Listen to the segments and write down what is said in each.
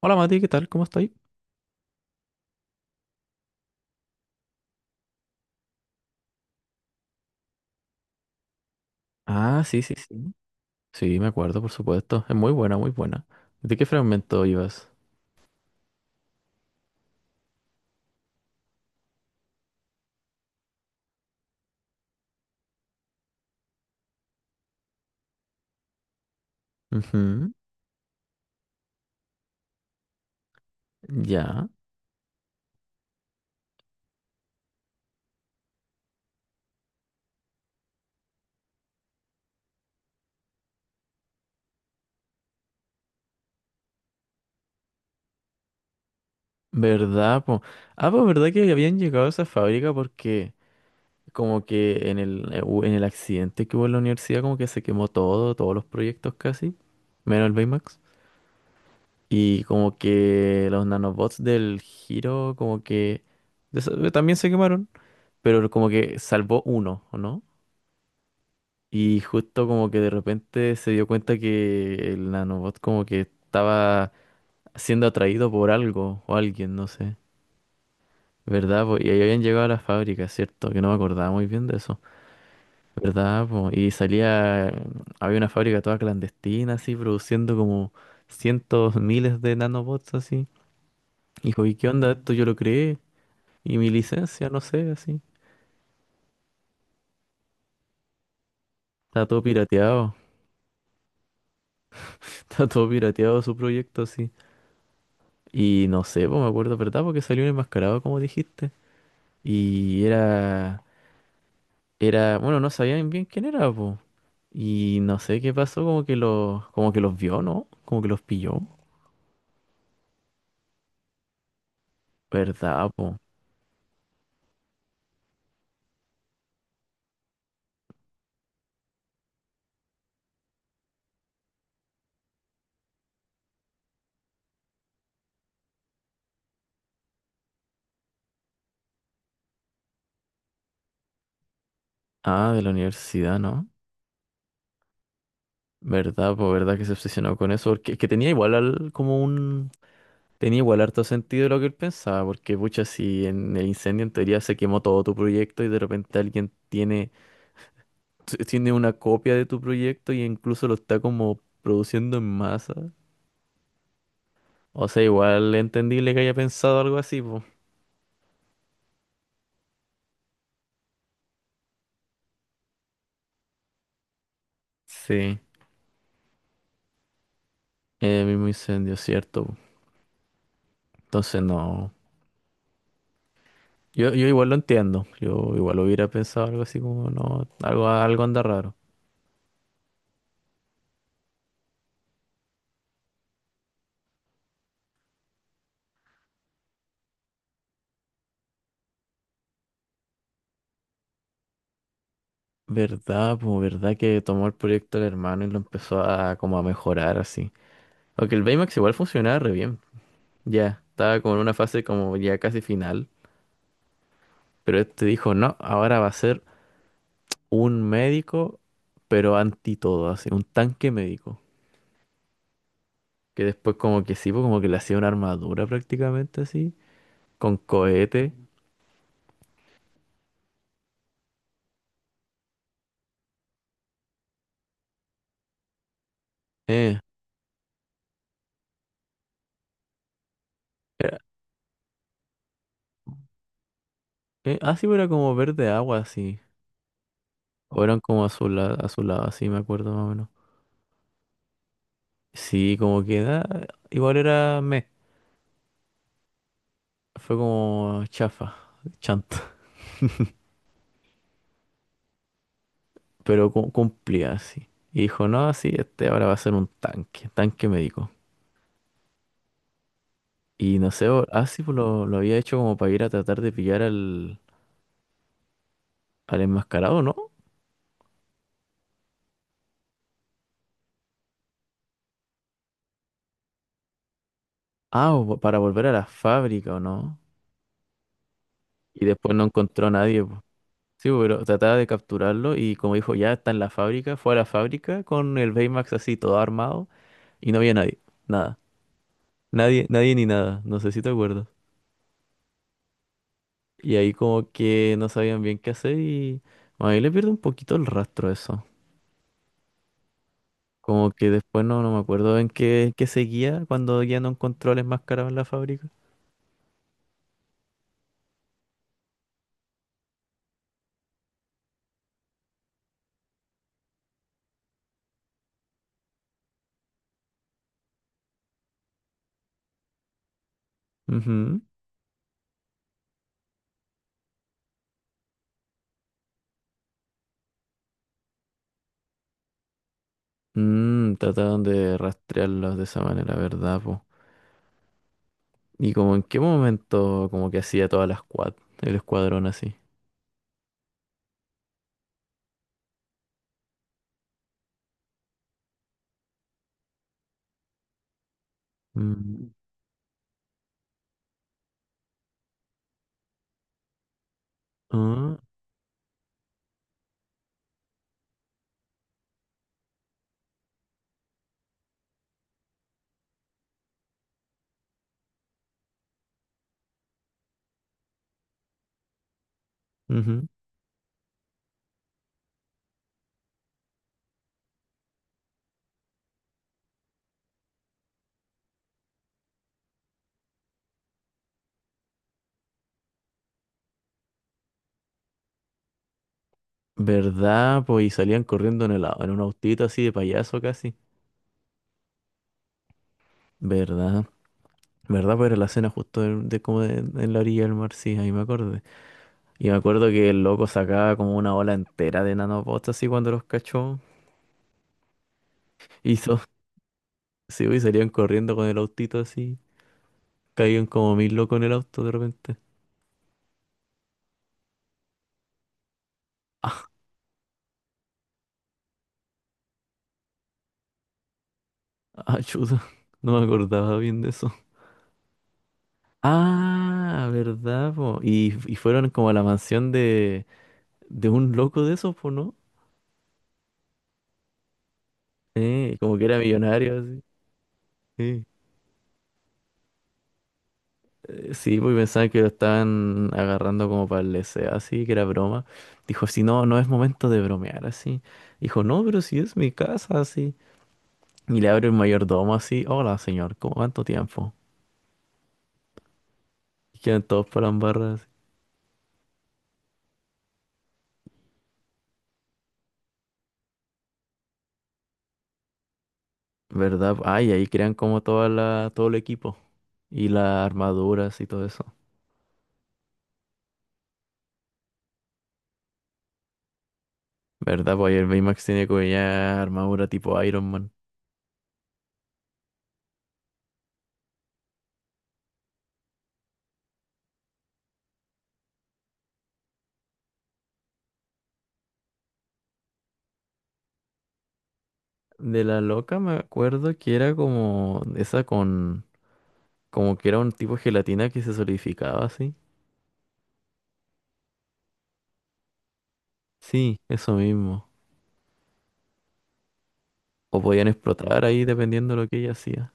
Hola Mati, ¿qué tal? ¿Cómo estáis? Ah, sí, sí, sí. Sí, me acuerdo, por supuesto. Es muy buena, muy buena. ¿De qué fragmento ibas? Ujú. Ya. ¿Verdad, po? Ah, pues verdad que habían llegado a esa fábrica porque como que en el, hu- en el accidente que hubo en la universidad como que se quemó todo, todos los proyectos casi, menos el Baymax. Y como que los nanobots del giro como que de eso- también se quemaron, pero como que salvó uno, ¿o no? Y justo como que de repente se dio cuenta que el nanobot como que estaba siendo atraído por algo o alguien, no sé. ¿Verdad? Po? Y ahí habían llegado a la fábrica, ¿cierto? Que no me acordaba muy bien de eso. ¿Verdad? Po? Y salía, había una fábrica toda clandestina, así, produciendo como cientos, miles de nanobots, así. Y dijo, ¿y qué onda esto? Yo lo creé. Y mi licencia, no sé, así. Está todo pirateado. Está todo pirateado su proyecto, así. Y no sé, pues me acuerdo, ¿verdad? Porque salió un enmascarado, como dijiste. Y era, era, bueno, no sabían bien quién era, pues. Y no sé qué pasó, como que los vio, ¿no? Como que los pilló. ¿Verdad, po? Ah, de la universidad, ¿no? ¿Verdad, po? ¿Verdad que se obsesionó con eso? Porque es que tenía igual al- como un, tenía igual harto sentido lo que él pensaba, porque pucha, si en el incendio en teoría se quemó todo tu proyecto y de repente alguien tiene t- tiene una copia de tu proyecto y incluso lo está como produciendo en masa. O sea, igual entendible que haya pensado algo así, pues. Sí, el mismo incendio, cierto, po. Entonces no. Yo igual lo entiendo. Yo igual hubiera pensado algo así como, no, algo, algo anda raro. ¿Verdad? Pues verdad que tomó el proyecto del hermano y lo empezó a como a mejorar así. Aunque el Baymax igual funcionaba re bien. Ya, estaba como en una fase como ya casi final. Pero este dijo, no, ahora va a ser un médico, pero anti todo, así, un tanque médico. Que después como que sí, pues como que le hacía una armadura prácticamente así, con cohete. Eh, era, sí, pues era como verde agua así. O eran como azul, azulado, así me acuerdo más o menos. Sí, como que ah, igual era meh. Fue como chafa, chanta. Pero cu- cumplía así. Y dijo, no, sí, este ahora va a ser un tanque, tanque médico. Y no sé, o- ah, sí, pues lo había hecho como para ir a tratar de pillar al, al enmascarado, ¿no? Ah, o vo- para volver a la fábrica, ¿o no? Y después no encontró a nadie, po. Sí, po, pero trataba de capturarlo y como dijo, ya está en la fábrica, fue a la fábrica con el Baymax así todo armado y no había nadie, nada. Nadie, nadie ni nada, no sé si te acuerdas. Y ahí como que no sabían bien qué hacer y bueno, ahí le pierde un poquito el rastro a eso. Como que después no, no me acuerdo en qué, qué seguía cuando ya no encontró al enmascarado en la fábrica. Ujú. Mm, trataron de rastrearlos de esa manera, ¿verdad, po? ¿Y como en qué momento como que hacía toda la squad, el escuadrón así? Mm, ah, ujú. ¿Verdad, po? Y salían corriendo en el, au- en un autito así de payaso casi. ¿Verdad? ¿Verdad? Pues era la escena justo de como de- en la orilla del mar, sí, ahí me acordé. Y me acuerdo que el loco sacaba como una ola entera de nanobots así cuando los cachó. Hizo, sí, po, y salían corriendo con el autito así. Caían como mil locos en el auto de repente. Ah, chuta. No me acordaba bien de eso. Ah, ¿verdad, po? Y fueron como a la mansión de un loco de esos, po, ¿no? Como que era millonario, así. Sí, sí, pues pensaban que lo estaban agarrando como para el deseo, así, que era broma. Dijo, si no, no es momento de bromear, así. Dijo, no, pero si es mi casa, así. Y le abre el mayordomo, así. Hola, señor, ¿cómo cuánto tiempo? Y quedan todos para la embarra, así. ¿Verdad? Ay, ahí crean como toda la, todo el equipo. Y las armaduras y todo eso. ¿Verdad? Pues ahí el Baymax tiene como ya armadura tipo Iron Man. De la loca me acuerdo que era como esa con... Como que era un tipo de gelatina que se solidificaba así. Sí, eso mismo. O podían explotar ahí dependiendo de lo que ella hacía.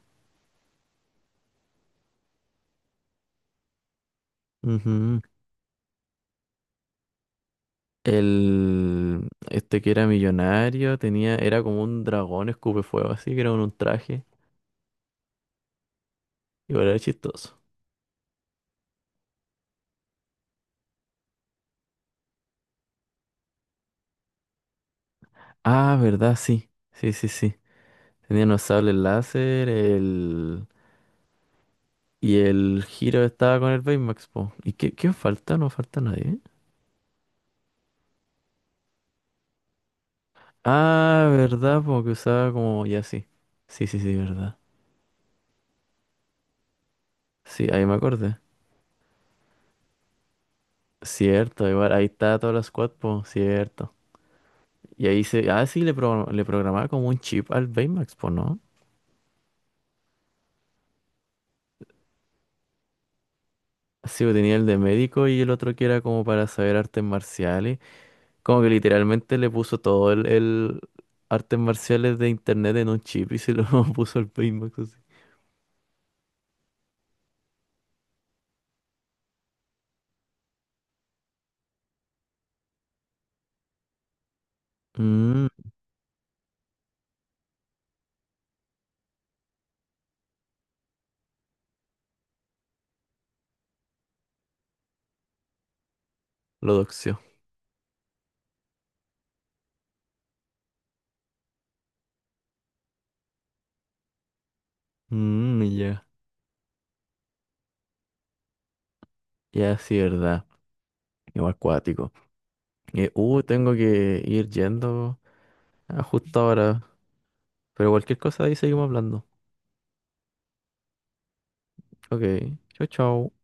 Ujú. El... Este que era millonario tenía... Era como un dragón escupe fuego así, que era un traje. Igual era chistoso. Ah, ¿verdad? Sí. Sí, sí, sí. Tenía los sables láser, el... Y el Giro estaba con el Baymax, po. ¿Y qué, quién falta? No falta nadie. Ah, verdad, porque usaba como ya sí. Sí, sí, sí, verdad. Sí, ahí me acordé. Cierto, igual ahí está toda la squad, po, cierto. Y ahí se. Ah, sí, le, pro- le programaba como un chip al Baymax, po, ¿no? Sí, po, tenía el de médico y el otro que era como para saber artes marciales. Como que literalmente le puso todo el artes marciales de internet en un chip y se lo puso al Baymax así. Mm, lo doxió. Mm, ya, ya sí, verdad. Igual acuático. Tengo que ir yendo a justo ahora. Pero cualquier cosa ahí seguimos hablando. Ok, chau, chau.